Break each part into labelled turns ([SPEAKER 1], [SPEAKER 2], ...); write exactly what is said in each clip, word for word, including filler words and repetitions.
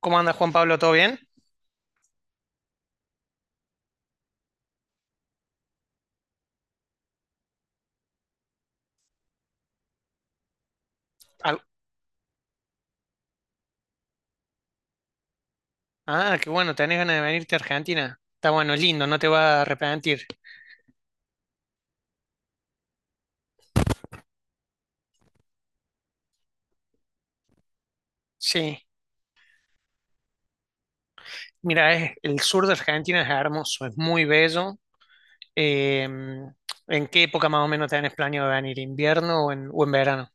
[SPEAKER 1] ¿Cómo anda Juan Pablo? ¿Todo bien? Al- Ah, qué bueno, tenés ganas de venirte a Argentina. Está bueno, lindo, no te va a arrepentir. Sí, mira, es- el sur de Argentina es hermoso, es muy bello. Eh, ¿en qué época más o menos tenés planeado venir? ¿Invierno o en, o en verano?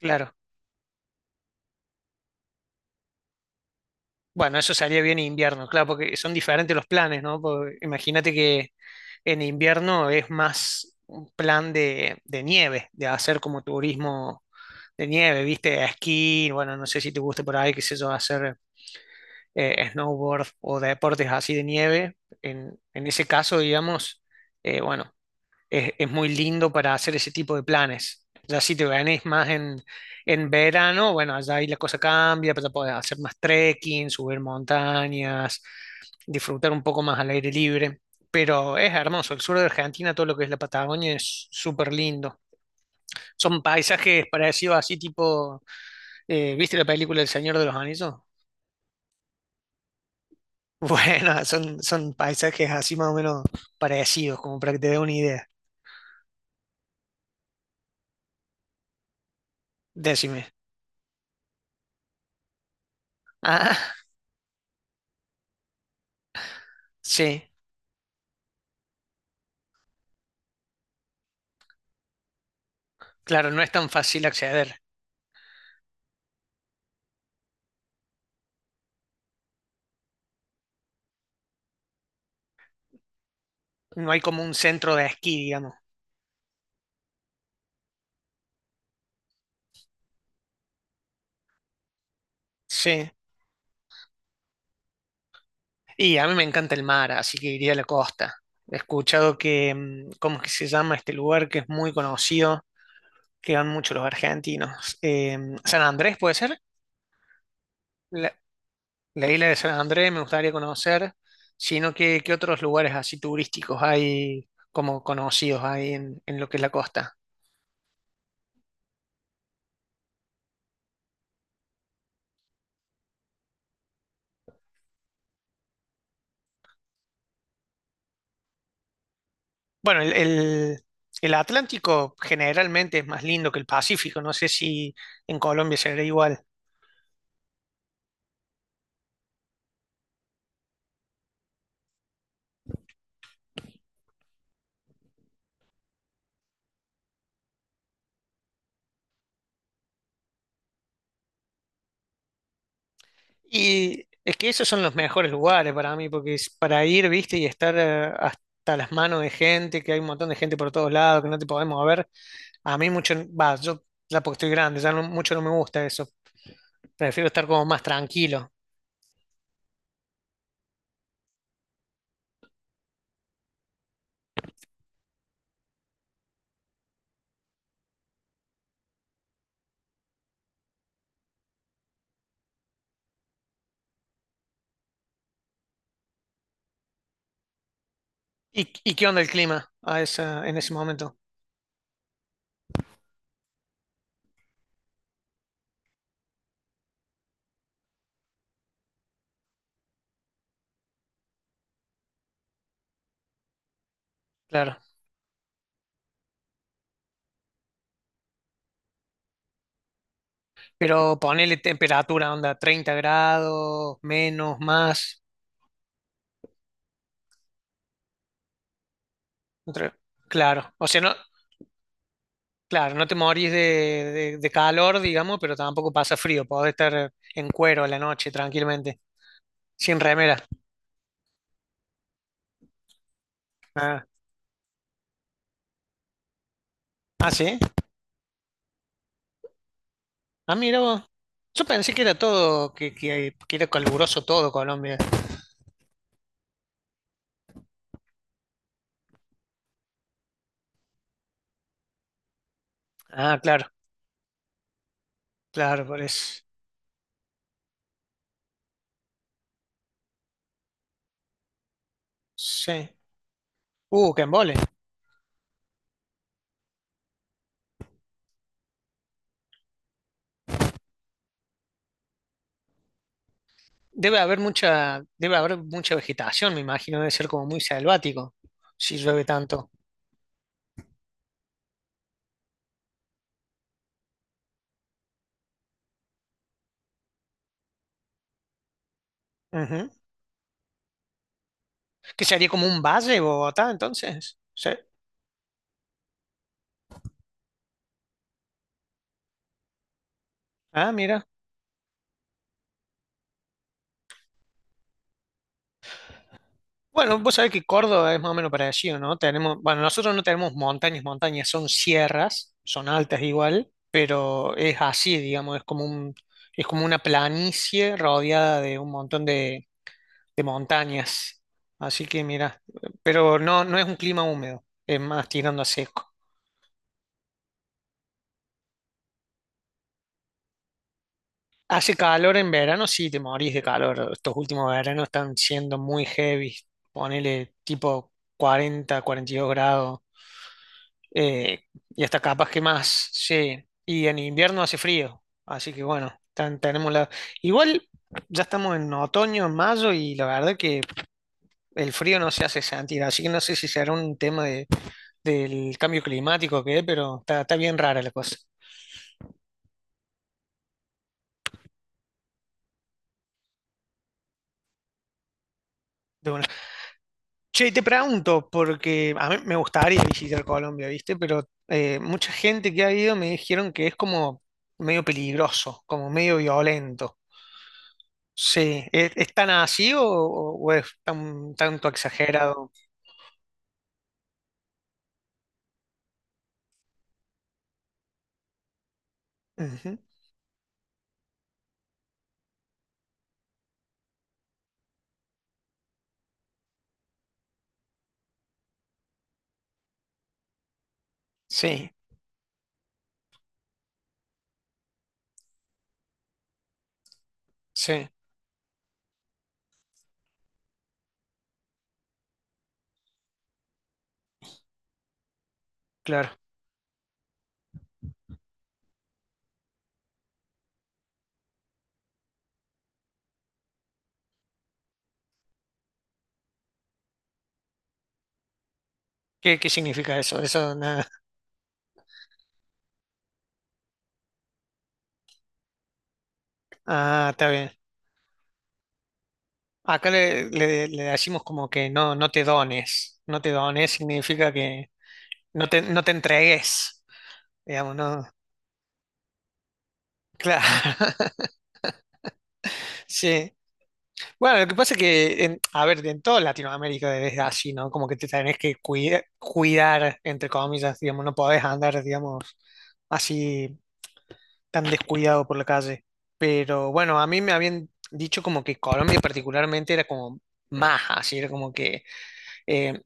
[SPEAKER 1] Claro. Bueno, eso sería bien invierno, claro, porque son diferentes los planes, ¿no? Porque imagínate que en invierno es más un plan de, de nieve, de hacer como turismo de nieve, ¿viste? Esquí, bueno, no sé si te gusta por ahí, qué sé yo, hacer eh, snowboard o deportes así de nieve, en, en ese caso, digamos, eh, bueno, es, es muy lindo para hacer ese tipo de planes. Ya si te venís más en, en verano, bueno, allá ahí la cosa cambia, pero podés hacer más trekking, subir montañas, disfrutar un poco más al aire libre. Pero es hermoso, el sur de Argentina, todo lo que es la Patagonia es súper lindo. Son paisajes parecidos así tipo, eh, ¿viste la película El Señor de los Anillos? Bueno, son, son paisajes así más o menos parecidos, como para que te dé una idea. Decime. Ah, sí, claro, no es tan fácil acceder. No hay como un centro de esquí, digamos. Sí, y a mí me encanta el mar, así que iría a la costa. He escuchado que, mm, ¿cómo es que se llama este lugar que es muy conocido, que van muchos los argentinos? Em, San Andrés, ¿puede ser? La- La isla de San Andrés me gustaría conocer, sino que qué otros lugares así turísticos hay como conocidos hay en, en lo que es la costa. Bueno, el, el- el Atlántico generalmente es más lindo que el Pacífico, no sé si en Colombia será igual. Y es que esos son los mejores lugares para mí, porque es para ir, viste, y estar eh, hasta las manos de gente, que hay un montón de gente por todos lados, que no te podemos ver. A mí mucho, va, yo ya porque estoy grande, ya no- mucho no me gusta eso. Prefiero estar como más tranquilo. ¿Y, y qué onda el clima a esa, en ese momento? Claro. Pero ponele temperatura, onda, treinta grados, menos, más. Otra- Claro. O sea, no, claro, no te morís de, de- de calor, digamos, pero tampoco pasa frío. Podés estar en cuero a la noche tranquilamente, sin remera. Ah, ah, sí. Ah, mira vos. Yo pensé que era todo, que, que, que era caluroso todo Colombia. Ah, claro, claro, por eso. Sí. Uh, qué embole. Debe haber mucha, debe haber mucha vegetación, me imagino. Debe ser como muy selvático, si llueve tanto. Ujú. ¿Qué sería como un valle, Bogotá, entonces? Sí. Ah, mira. Bueno, vos sabés que Córdoba es más o menos parecido, ¿no? Tenemos, bueno, nosotros no tenemos montañas, montañas son sierras, son altas igual, pero es así, digamos, es como un, es como una planicie rodeada de un montón de, de montañas. Así que mira, pero no, no es un clima húmedo, es más tirando a seco. Hace calor en verano, sí, te morís de calor. Estos últimos veranos están siendo muy heavy, ponele tipo cuarenta, cuarenta y dos grados. eh, y hasta capaz que más, sí. Y en invierno hace frío, así que bueno, tan- tenemos la... Igual ya estamos en otoño, en mayo, y la verdad que el frío no se hace sentir, así que no sé si será un tema de- del cambio climático o qué, pero está, está bien rara la cosa. De una. Che, y te pregunto, porque a mí me gustaría visitar Colombia, ¿viste? Pero eh, mucha gente que ha ido me dijeron que es como medio peligroso, como medio violento. Sí, ¿es, es tan así o, o- o es tan tanto exagerado? Ujú. Sí, sí, claro. ¿Qué, qué significa eso? Eso nada. Ah, está bien. Acá le, le- le decimos como que no, no te dones. No te dones significa que no te, no te entregues. Digamos, no. Claro. Sí. Bueno, lo que pasa es que, en- a ver, en toda Latinoamérica es así, ¿no? Como que te tenés que cuida- cuidar, entre comillas, digamos, no podés andar, digamos, así, tan descuidado por la calle. Pero bueno, a mí me habían dicho como que Colombia particularmente era como más así, era como que, eh,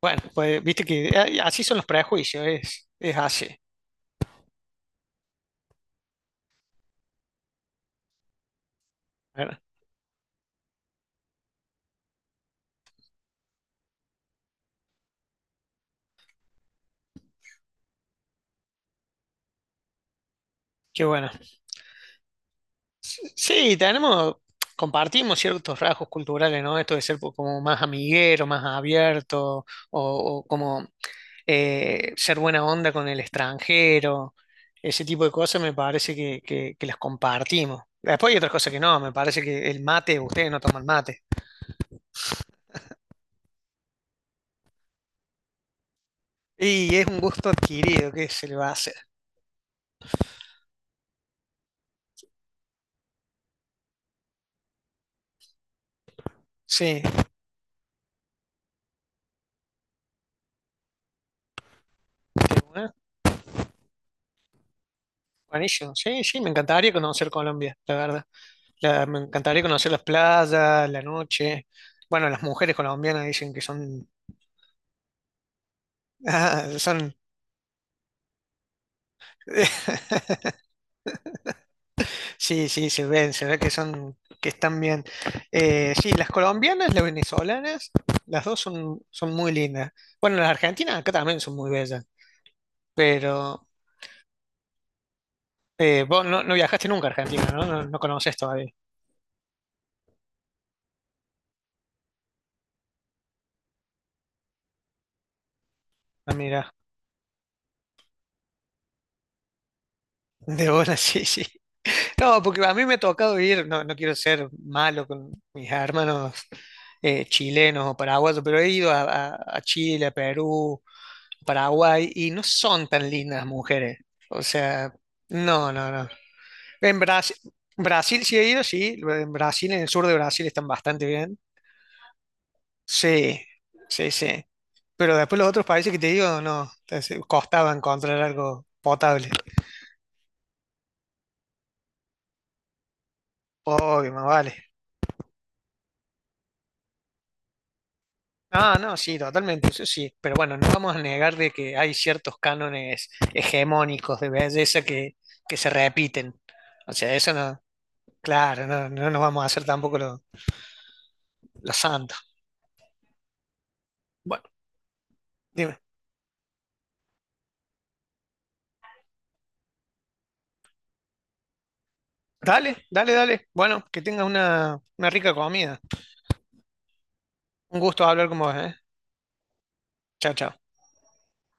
[SPEAKER 1] bueno, pues viste que eh, así son los prejuicios, es, es así. ¿Verdad? Qué bueno. Sí, tenemos, compartimos ciertos rasgos culturales, ¿no? Esto de ser po- como más amiguero, más abierto, o, o como eh, ser buena onda con el extranjero, ese tipo de cosas me parece que, que, que las compartimos. Después hay otras cosas que no, me parece que el mate, ustedes no toman mate. Y es un gusto adquirido, ¿qué se le va a hacer? Sí. Buenísimo. Sí, sí, me encantaría conocer Colombia, la verdad. La- me encantaría conocer las playas, la noche. Bueno, las mujeres colombianas dicen que son, ah, son, sí, sí, se ven, se ve que son, que están bien. Eh, sí, las colombianas, las venezolanas, las dos son, son muy lindas. Bueno, las argentinas acá también son muy bellas, pero eh, vos no, no viajaste nunca a Argentina, ¿no? No, no conoces todavía. Ah, mira, de buena, sí, sí. No, porque a mí me ha tocado ir, no, no quiero ser malo con mis hermanos eh, chilenos o paraguayos, pero he ido a, a- a Chile, a Perú, Paraguay, y no son tan lindas las mujeres. O sea, no, no, no. En Brasil, Brasil sí he ido, sí, en Brasil, en el sur de Brasil están bastante bien. Sí, sí, sí. Pero después los otros países que te digo, no, entonces, costaba encontrar algo potable. Obvio, más vale. Ah, no, sí, totalmente, eso sí. Pero bueno, no vamos a negar de que hay ciertos cánones hegemónicos de belleza que, que se repiten. O sea, eso no, claro, no, no nos vamos a hacer tampoco los los santos. Bueno, dime. Dale, dale, dale. Bueno, que tengas una, una rica comida. Un gusto hablar con vos, ¿eh? Chao, chao.